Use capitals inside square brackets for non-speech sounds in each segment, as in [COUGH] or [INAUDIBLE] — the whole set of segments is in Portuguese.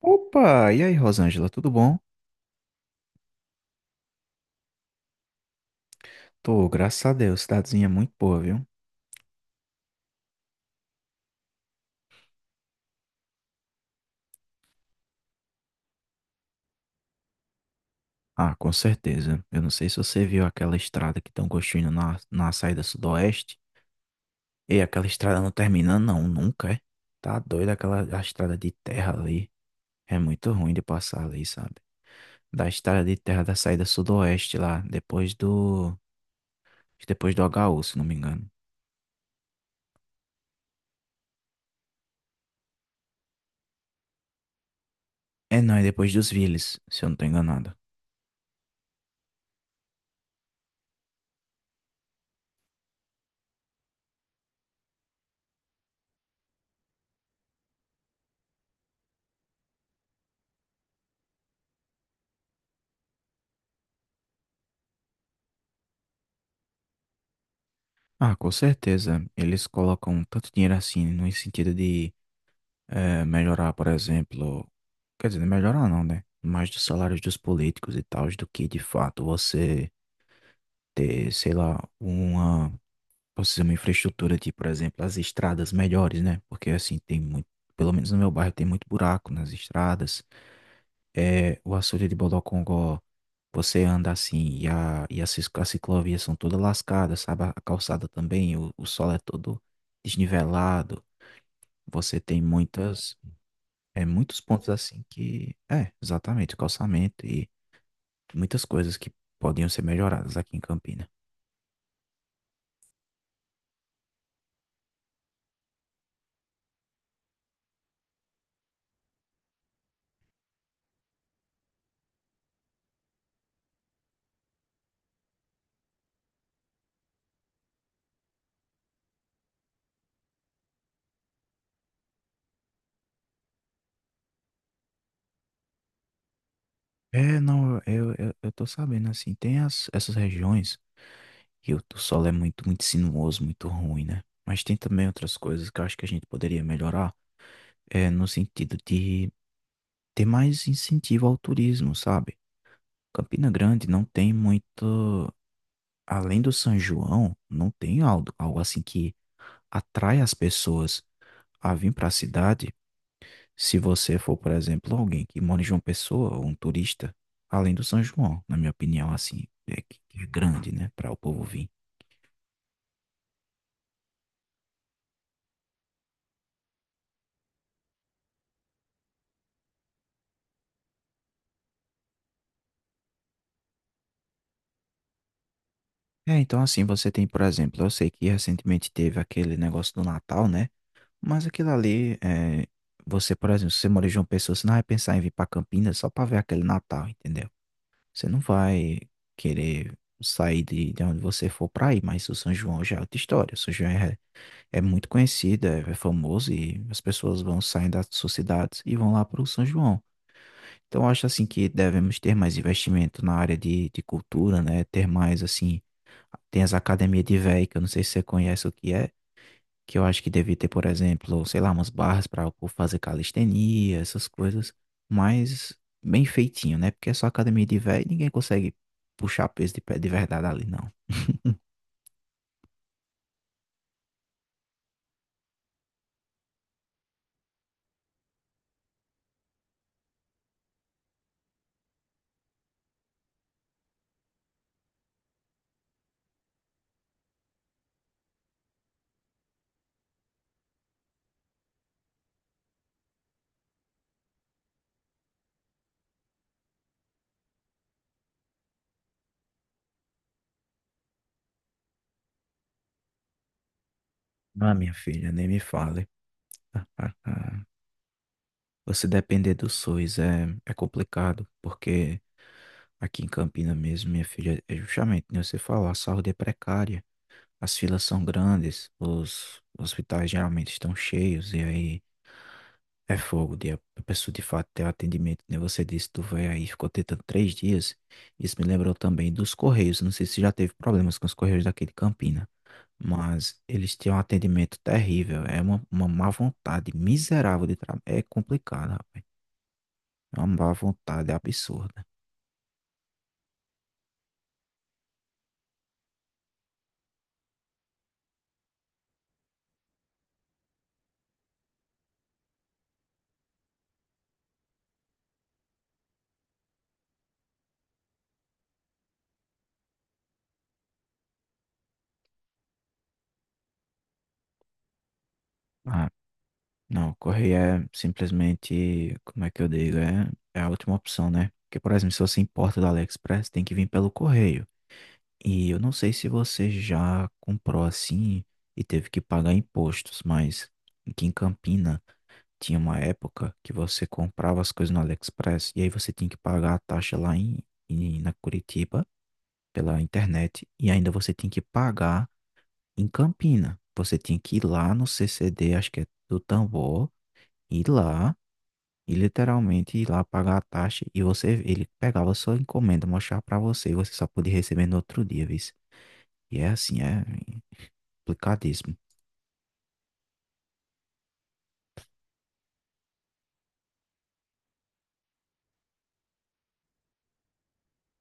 Opa! E aí, Rosângela, tudo bom? Tô, graças a Deus, cidadezinha muito boa, viu? Ah, com certeza. Eu não sei se você viu aquela estrada que estão construindo na saída sudoeste. Ei, aquela estrada não termina, não, nunca, é? Tá doido aquela a estrada de terra ali. É muito ruim de passar ali, sabe? Da estrada de terra da saída sudoeste lá, depois do HU, se não me engano. É, não, é depois dos Viles, se eu não tô enganado. Ah, com certeza. Eles colocam tanto dinheiro assim, no sentido de melhorar, por exemplo, quer dizer, melhorar não, né? Mais dos salários dos políticos e tal, do que de fato você ter, sei lá, uma, posso dizer, uma infraestrutura de, por exemplo, as estradas melhores, né? Porque assim, tem muito, pelo menos no meu bairro tem muito buraco nas estradas. É, o açude de Bodocongó, você anda assim e as ciclovias são todas lascadas, sabe? A calçada também, o solo é todo desnivelado. Você tem muitas. É muitos pontos assim que. É, exatamente, o calçamento e muitas coisas que podiam ser melhoradas aqui em Campina. É, não, eu tô sabendo assim, tem essas regiões que o solo é muito, muito sinuoso, muito ruim, né? Mas tem também outras coisas que eu acho que a gente poderia melhorar, é, no sentido de ter mais incentivo ao turismo, sabe? Campina Grande não tem muito. Além do São João, não tem algo assim que atrai as pessoas a vir para a cidade. Se você for, por exemplo, alguém que mora em João Pessoa, ou um turista, além do São João, na minha opinião, assim, é que é grande, né, para o povo vir. É, então assim, você tem, por exemplo, eu sei que recentemente teve aquele negócio do Natal, né? Mas aquilo ali, é, você, por exemplo, se você mora em João Pessoa, você não vai pensar em vir para Campinas só para ver aquele Natal, entendeu? Você não vai querer sair de onde você for para ir, mas o São João já é outra história. O São João é muito conhecido, é famoso e as pessoas vão saindo das suas cidades e vão lá para o São João. Então, eu acho assim que devemos ter mais investimento na área de cultura, né? Ter mais assim, tem as academias de véio, que eu não sei se você conhece o que é, que eu acho que devia ter, por exemplo, sei lá, umas barras para o povo fazer calistenia, essas coisas, mas bem feitinho, né? Porque é só academia de véio e ninguém consegue puxar peso de pé de verdade ali, não. [LAUGHS] Ah, minha filha, nem me fale. [LAUGHS] Você depender do SUS é complicado, porque aqui em Campina mesmo, minha filha, é justamente, né, você falou, a saúde é precária. As filas são grandes, os hospitais geralmente estão cheios, e aí é fogo de a pessoa de fato ter o atendimento. Nem Você disse, tu vai aí, ficou tentando 3 dias. Isso me lembrou também dos Correios. Não sei se já teve problemas com os Correios daqui de Campina, mas eles têm um atendimento terrível. É uma má vontade miserável de trabalho. É complicado, rapaz. É uma má vontade absurda. Ah, não, correr é simplesmente, como é que eu digo, é a última opção, né? Porque, por exemplo, se você importa do AliExpress, tem que vir pelo correio. E eu não sei se você já comprou assim e teve que pagar impostos, mas aqui em Campina tinha uma época que você comprava as coisas no AliExpress e aí você tinha que pagar a taxa lá na Curitiba pela internet e ainda você tinha que pagar em Campina. Você tinha que ir lá no CCD, acho que é do Tambor, ir lá. E literalmente ir lá pagar a taxa e você, ele pegava sua encomenda, mostrava pra você e você só podia receber no outro dia, viu? E é assim, é complicadíssimo.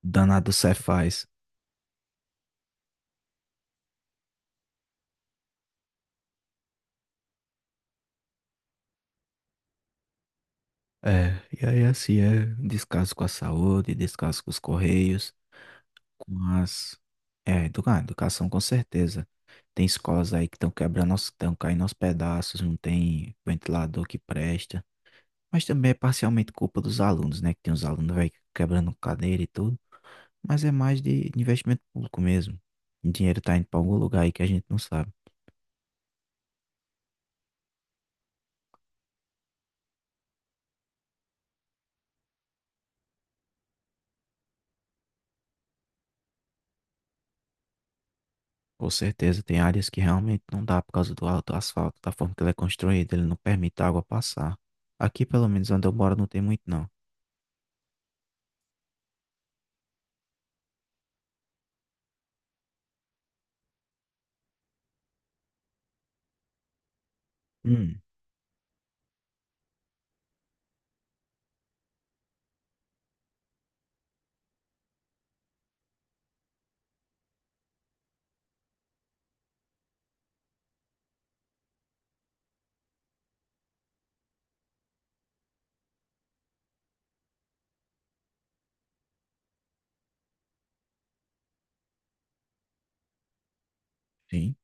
Danado Cefaz. É, e aí assim é descaso com a saúde, descaso com os correios, com as. É, educação com certeza. Tem escolas aí que estão quebrando, estão caindo aos pedaços, não tem ventilador que presta. Mas também é parcialmente culpa dos alunos, né? Que tem os alunos, velho, quebrando cadeira e tudo. Mas é mais de investimento público mesmo. O dinheiro está indo para algum lugar aí que a gente não sabe. Com certeza tem áreas que realmente não dá por causa do alto asfalto, da forma que ele é construído, ele não permite a água passar. Aqui, pelo menos onde eu moro, não tem muito não. Hum, sim.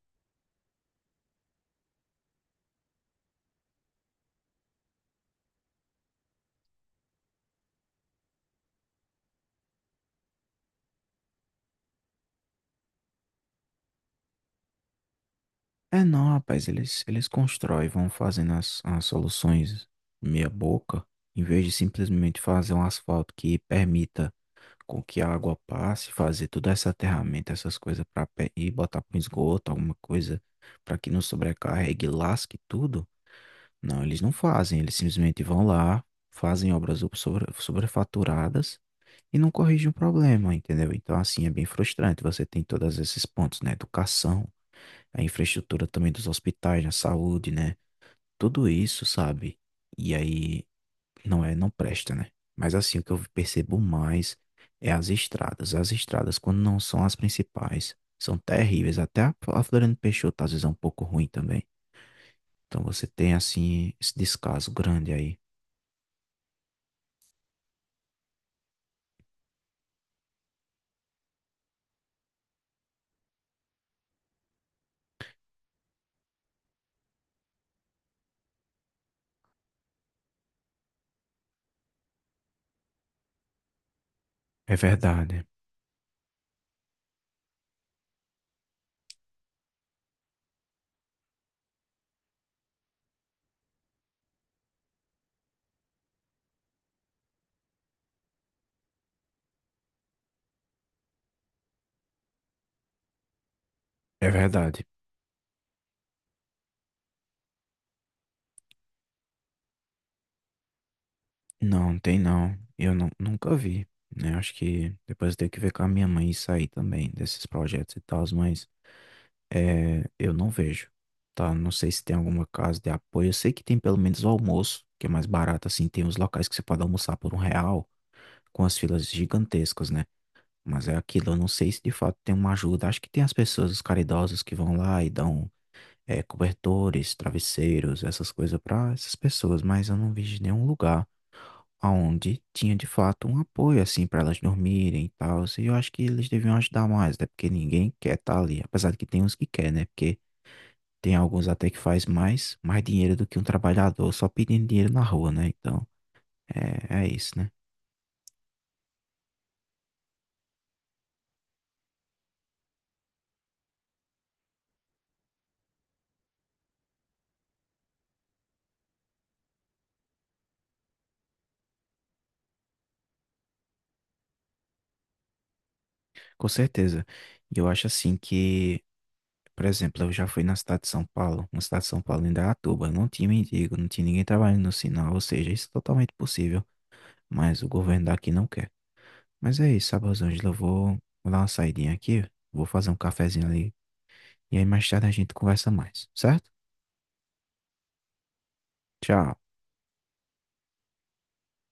É não, rapaz, eles constroem, vão fazendo as soluções meia boca, em vez de simplesmente fazer um asfalto que permita com que a água passe, fazer toda essa aterramento, essas coisas para e botar para esgoto, alguma coisa para que não sobrecarregue, lasque tudo. Não, eles não fazem, eles simplesmente vão lá, fazem obras sobrefaturadas e não corrigem o problema, entendeu? Então, assim, é bem frustrante. Você tem todos esses pontos, né? Educação, a infraestrutura também dos hospitais, na saúde, né? Tudo isso, sabe? E aí não é, não presta, né? Mas assim, o que eu percebo mais é as estradas. As estradas, quando não são as principais, são terríveis. Até a Floriano Peixoto às vezes é um pouco ruim também. Então você tem assim esse descaso grande aí. É verdade. É verdade. Não, tem não. Eu nunca vi, né? Acho que depois eu tenho que ver com a minha mãe isso aí também, desses projetos e tal, mas é, eu não vejo, tá? Não sei se tem alguma casa de apoio. Eu sei que tem pelo menos o almoço, que é mais barato, assim. Tem uns locais que você pode almoçar por R$ 1, com as filas gigantescas, né? Mas é aquilo, eu não sei se de fato tem uma ajuda. Acho que tem as pessoas, os caridosos que vão lá e dão, é, cobertores, travesseiros, essas coisas pra essas pessoas, mas eu não vi de nenhum lugar onde tinha de fato um apoio, assim, pra elas dormirem e tal. E eu acho que eles deviam ajudar mais, né? Porque ninguém quer estar ali, apesar de que tem uns que quer, né? Porque tem alguns até que faz mais, mais dinheiro do que um trabalhador só pedindo dinheiro na rua, né? Então, é isso, né? Com certeza. E eu acho assim que, por exemplo, eu já fui na cidade de São Paulo, na cidade de São Paulo, em Indaiatuba, não tinha mendigo, não tinha ninguém trabalhando no sinal, ou seja, isso é totalmente possível, mas o governo daqui não quer. Mas é isso, sabe, Rosângela? Eu vou dar uma saidinha aqui, vou fazer um cafezinho ali, e aí mais tarde a gente conversa mais, certo? Tchau.